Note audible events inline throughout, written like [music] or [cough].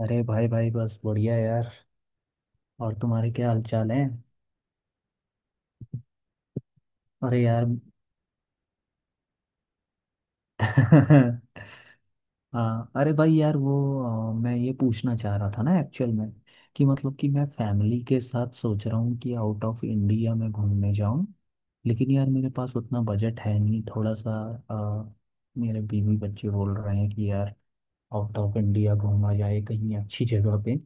अरे भाई भाई बस बढ़िया यार। और तुम्हारे क्या हाल चाल है। अरे यार। [laughs] हाँ अरे भाई यार वो मैं ये पूछना चाह रहा था ना एक्चुअल में कि मतलब कि मैं फैमिली के साथ सोच रहा हूँ कि आउट ऑफ इंडिया में घूमने जाऊँ। लेकिन यार मेरे पास उतना बजट है नहीं थोड़ा सा। अ, मेरे बीवी बच्चे बोल रहे हैं कि यार आउट ऑफ इंडिया घूमा जाए कहीं अच्छी जगह पे।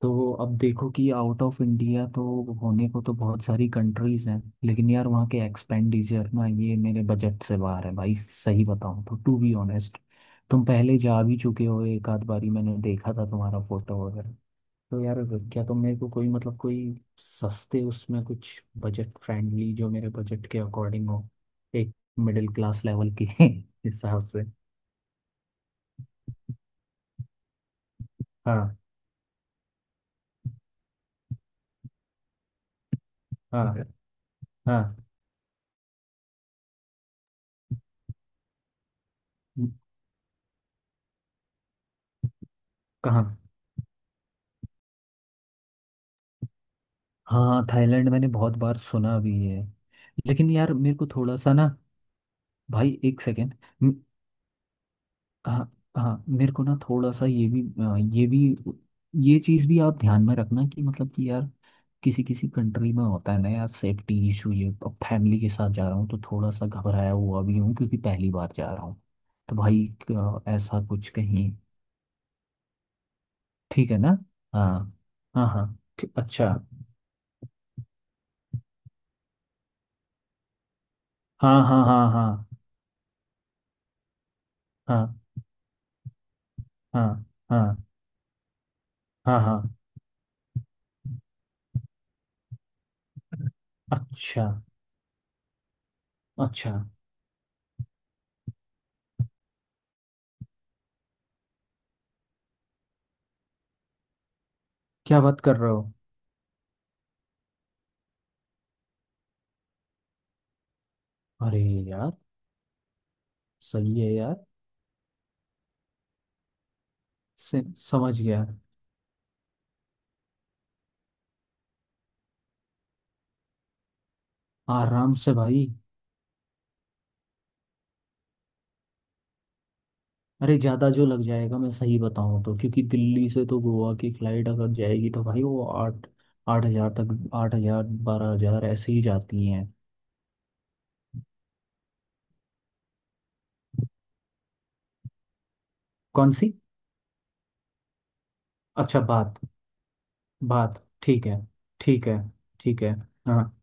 तो अब देखो कि आउट ऑफ इंडिया तो होने को तो बहुत सारी कंट्रीज हैं लेकिन यार वहाँ के एक्सपेंडिचर ना ये मेरे बजट से बाहर है भाई सही बताऊँ तो टू बी ऑनेस्ट। तुम पहले जा भी चुके हो एक आध बारी मैंने देखा था तुम्हारा फोटो वगैरह। तो यार क्या तुम मेरे को कोई मतलब कोई सस्ते उसमें कुछ बजट फ्रेंडली जो मेरे बजट के अकॉर्डिंग हो एक मिडिल क्लास लेवल के [laughs] हिसाब से। हाँ। हाँ। [laughs] हाँ। कहाँ? हाँ थाईलैंड मैंने बहुत बार सुना भी है। लेकिन यार मेरे को थोड़ा सा ना भाई एक सेकेंड। हाँ। हाँ। मेरे को ना थोड़ा सा ये भी ये भी ये चीज़ भी आप ध्यान में रखना कि मतलब कि यार किसी किसी कंट्री में होता है ना यार सेफ्टी इशू ये अब फैमिली के साथ जा रहा हूँ तो थोड़ा सा घबराया हुआ भी हूँ क्योंकि पहली बार जा रहा हूँ। तो भाई ऐसा कुछ कहीं। ठीक है ना? हाँ। हाँ। हाँ। अच्छा। हाँ हाँ हाँ हाँ। हाँ हाँ हाँ हाँ। हाँ। अच्छा। अच्छा। क्या बात कर रहे हो? अरे यार सही है यार। से, समझ गया। आराम से भाई। अरे ज़्यादा जो लग जाएगा मैं सही बताऊँ तो क्योंकि दिल्ली से तो गोवा की फ़्लाइट अगर जाएगी तो भाई वो आठ 8,000 तक 8,000 12,000 ऐसे ही जाती हैं। कौन सी? अच्छा बात। बात ठीक है। ठीक है। ठीक है। हाँ।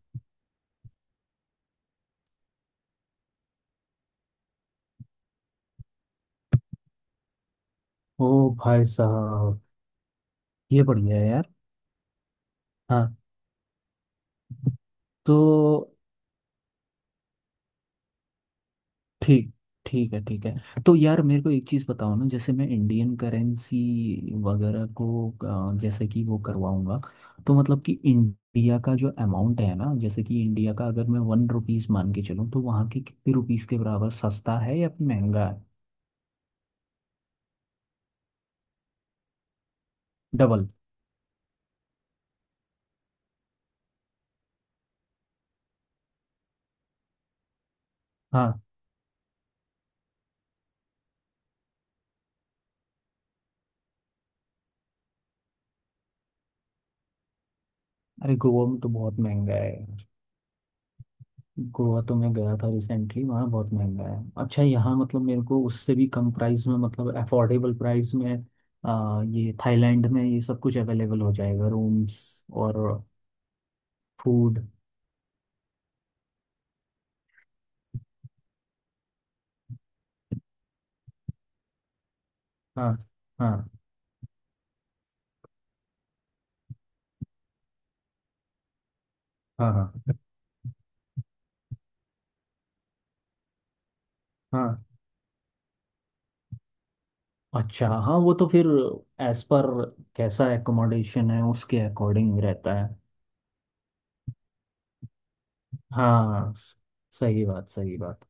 ओ भाई साहब। ये बढ़िया है यार। हाँ। तो ठीक। ठीक है। ठीक है। तो यार मेरे को एक चीज़ बताओ ना जैसे मैं इंडियन करेंसी वगैरह को जैसे कि वो करवाऊंगा तो मतलब कि इंडिया का जो अमाउंट है ना जैसे कि इंडिया का अगर मैं 1 रुपीज़ मान के चलूँ तो वहाँ के कितने रुपीज़ के बराबर सस्ता है या फिर महंगा है। डबल? हाँ। अरे गोवा में तो बहुत महंगा है। गोवा तो मैं गया था रिसेंटली वहाँ बहुत महंगा है। अच्छा यहाँ मतलब मेरे को उससे भी कम प्राइस में मतलब अफोर्डेबल प्राइस में ये थाईलैंड में ये सब कुछ अवेलेबल हो जाएगा रूम्स और फूड। हाँ हाँ हाँ हाँ हाँ। अच्छा हाँ वो तो फिर एज पर कैसा एकोमोडेशन है उसके अकॉर्डिंग रहता है। हाँ सही बात सही बात।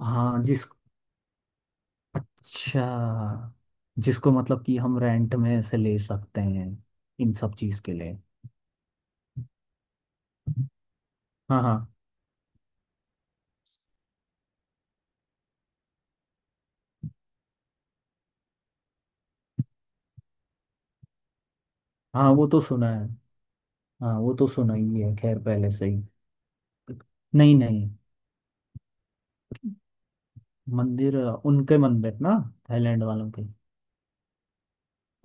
हाँ जिस अच्छा जिसको मतलब कि हम रेंट में से ले सकते हैं इन सब चीज़ के लिए। हाँ। हाँ। हाँ वो तो सुना है। हाँ वो तो सुना ही है खैर पहले से ही। नहीं नहीं। मंदिर? उनके मंदिर ना थाईलैंड वालों के।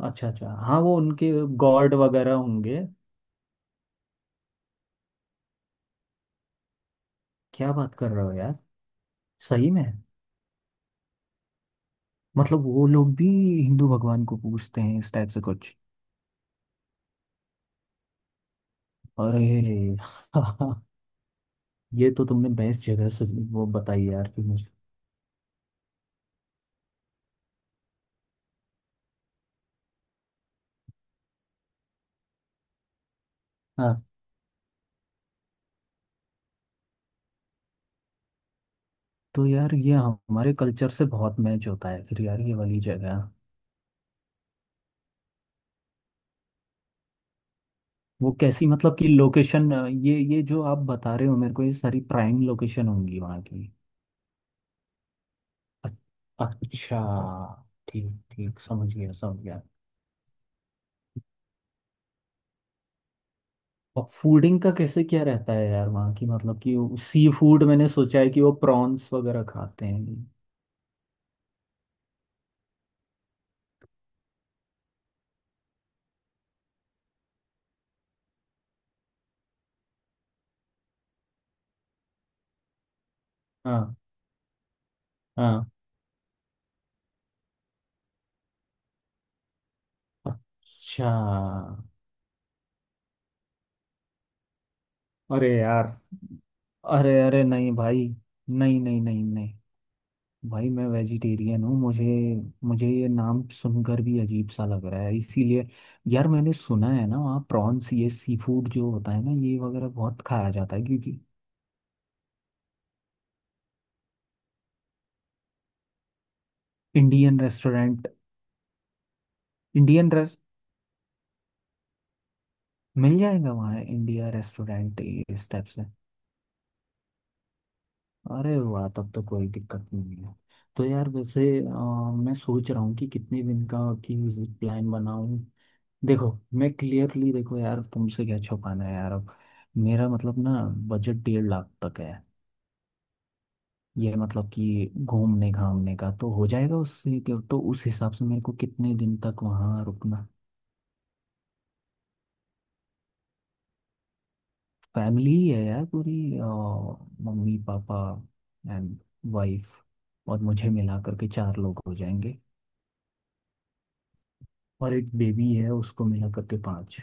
अच्छा अच्छा हाँ वो उनके गॉड वगैरह होंगे। क्या बात कर रहे हो यार। सही में? मतलब वो लोग भी हिंदू भगवान को पूजते हैं इस टाइप से कुछ। अरे। [laughs] ये तो तुमने बेस्ट जगह से वो बताई यार कि मुझे। हाँ तो यार ये हमारे कल्चर से बहुत मैच होता है फिर यार ये वाली जगह। वो कैसी मतलब कि लोकेशन ये जो आप बता रहे हो मेरे को ये सारी प्राइम लोकेशन होंगी वहाँ की। अ- अच्छा। ठीक ठीक समझ गया समझ गया। और फूडिंग का कैसे क्या रहता है यार वहाँ की मतलब कि सी फूड मैंने सोचा है कि वो प्रॉन्स वगैरह खाते हैं। हाँ। हाँ। अच्छा। अरे यार। अरे अरे नहीं भाई। नहीं नहीं नहीं नहीं। भाई मैं वेजिटेरियन हूँ मुझे मुझे ये नाम सुनकर भी अजीब सा लग रहा है इसीलिए। यार मैंने सुना है ना वहाँ प्रॉन्स ये सी फूड जो होता है ना ये वगैरह बहुत खाया जाता है क्योंकि इंडियन रेस्टोरेंट। इंडियन रेस मिल जाएगा वहाँ इंडिया रेस्टोरेंट इस टाइप से। अरे वाह तब तो कोई दिक्कत नहीं है। तो यार वैसे मैं सोच रहा हूँ कि कितने दिन का की विजिट प्लान बनाऊँ। देखो मैं क्लियरली देखो यार तुमसे क्या छुपाना है यार अब मेरा मतलब ना बजट 1,50,000 तक है। ये मतलब कि घूमने घामने का तो हो जाएगा उससे तो उस हिसाब से मेरे को कितने दिन तक वहाँ रुकना। फैमिली ही है यार पूरी मम्मी पापा एंड वाइफ और मुझे मिला करके 4 लोग हो जाएंगे और एक बेबी है उसको मिला करके 5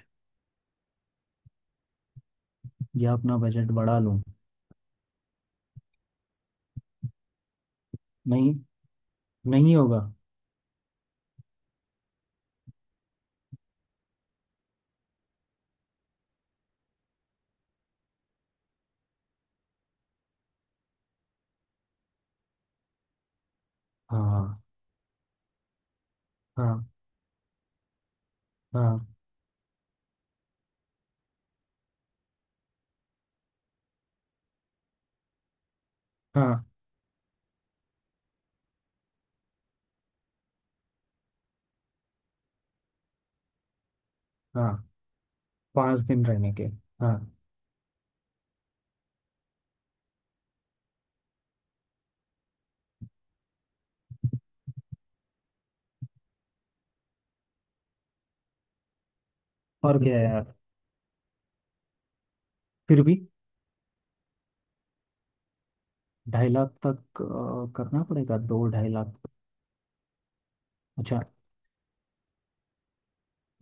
या अपना बजट बढ़ा लूँ। नहीं नहीं होगा। हाँ हाँ हाँ हाँ हाँ। 5 दिन रहने के हाँ। और क्या है यार फिर भी 2,50,000 तक करना पड़ेगा दो 2,50,000। अच्छा।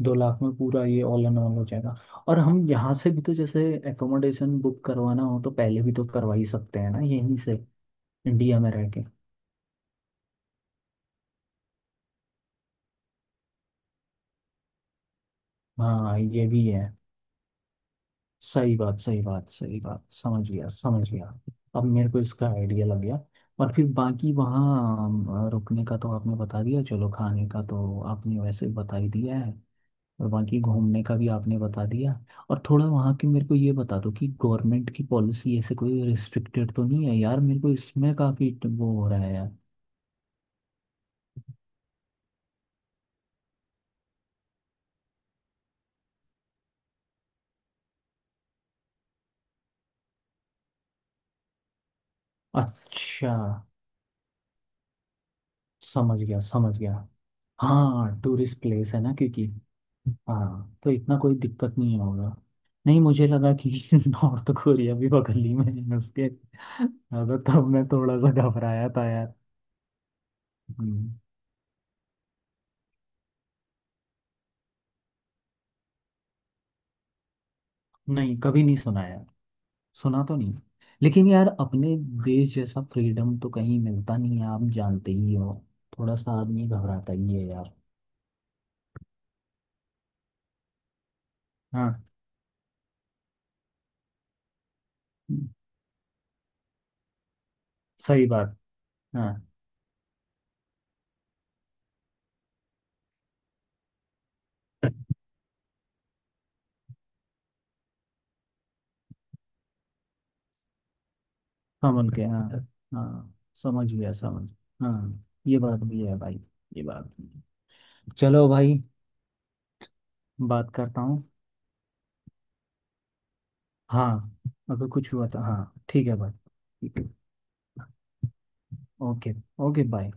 2,00,000 में पूरा ये ऑल एंड ऑल हो जाएगा और हम यहाँ से भी तो जैसे एकोमोडेशन बुक करवाना हो तो पहले भी तो करवा ही सकते हैं ना यहीं से। इंडिया में रह के। हाँ ये भी है। सही बात सही बात सही बात समझ गया समझ गया। अब मेरे को इसका आइडिया लग गया। और फिर बाकी वहाँ रुकने का तो आपने बता दिया चलो खाने का तो आपने वैसे बता ही दिया है और बाकी घूमने का भी आपने बता दिया। और थोड़ा वहाँ की मेरे को ये बता दो कि गवर्नमेंट की पॉलिसी ऐसे कोई रिस्ट्रिक्टेड तो नहीं है यार मेरे को इसमें काफ़ी वो हो रहा है यार। अच्छा। समझ गया समझ गया। हाँ टूरिस्ट प्लेस है ना क्योंकि हाँ तो इतना कोई दिक्कत नहीं होगा। नहीं मुझे लगा कि [laughs] नॉर्थ कोरिया भी बगल ही में है उसके। हाँ, तो तब मैं थोड़ा सा घबराया था यार। हम्म, नहीं कभी नहीं सुना यार। सुना तो नहीं। लेकिन यार अपने देश जैसा फ्रीडम तो कहीं मिलता नहीं है आप जानते ही हो। थोड़ा सा आदमी घबराता ही है यार। हाँ। हम्म, सही बात। हाँ। समझ के हाँ [laughs] हाँ। समझ गया। समझ हाँ ये बात भी है भाई। ये बात भी है। चलो भाई। बात करता हूँ। हाँ। अगर कुछ हुआ तो हाँ ठीक है भाई। ठीक है। ओके। Okay bye.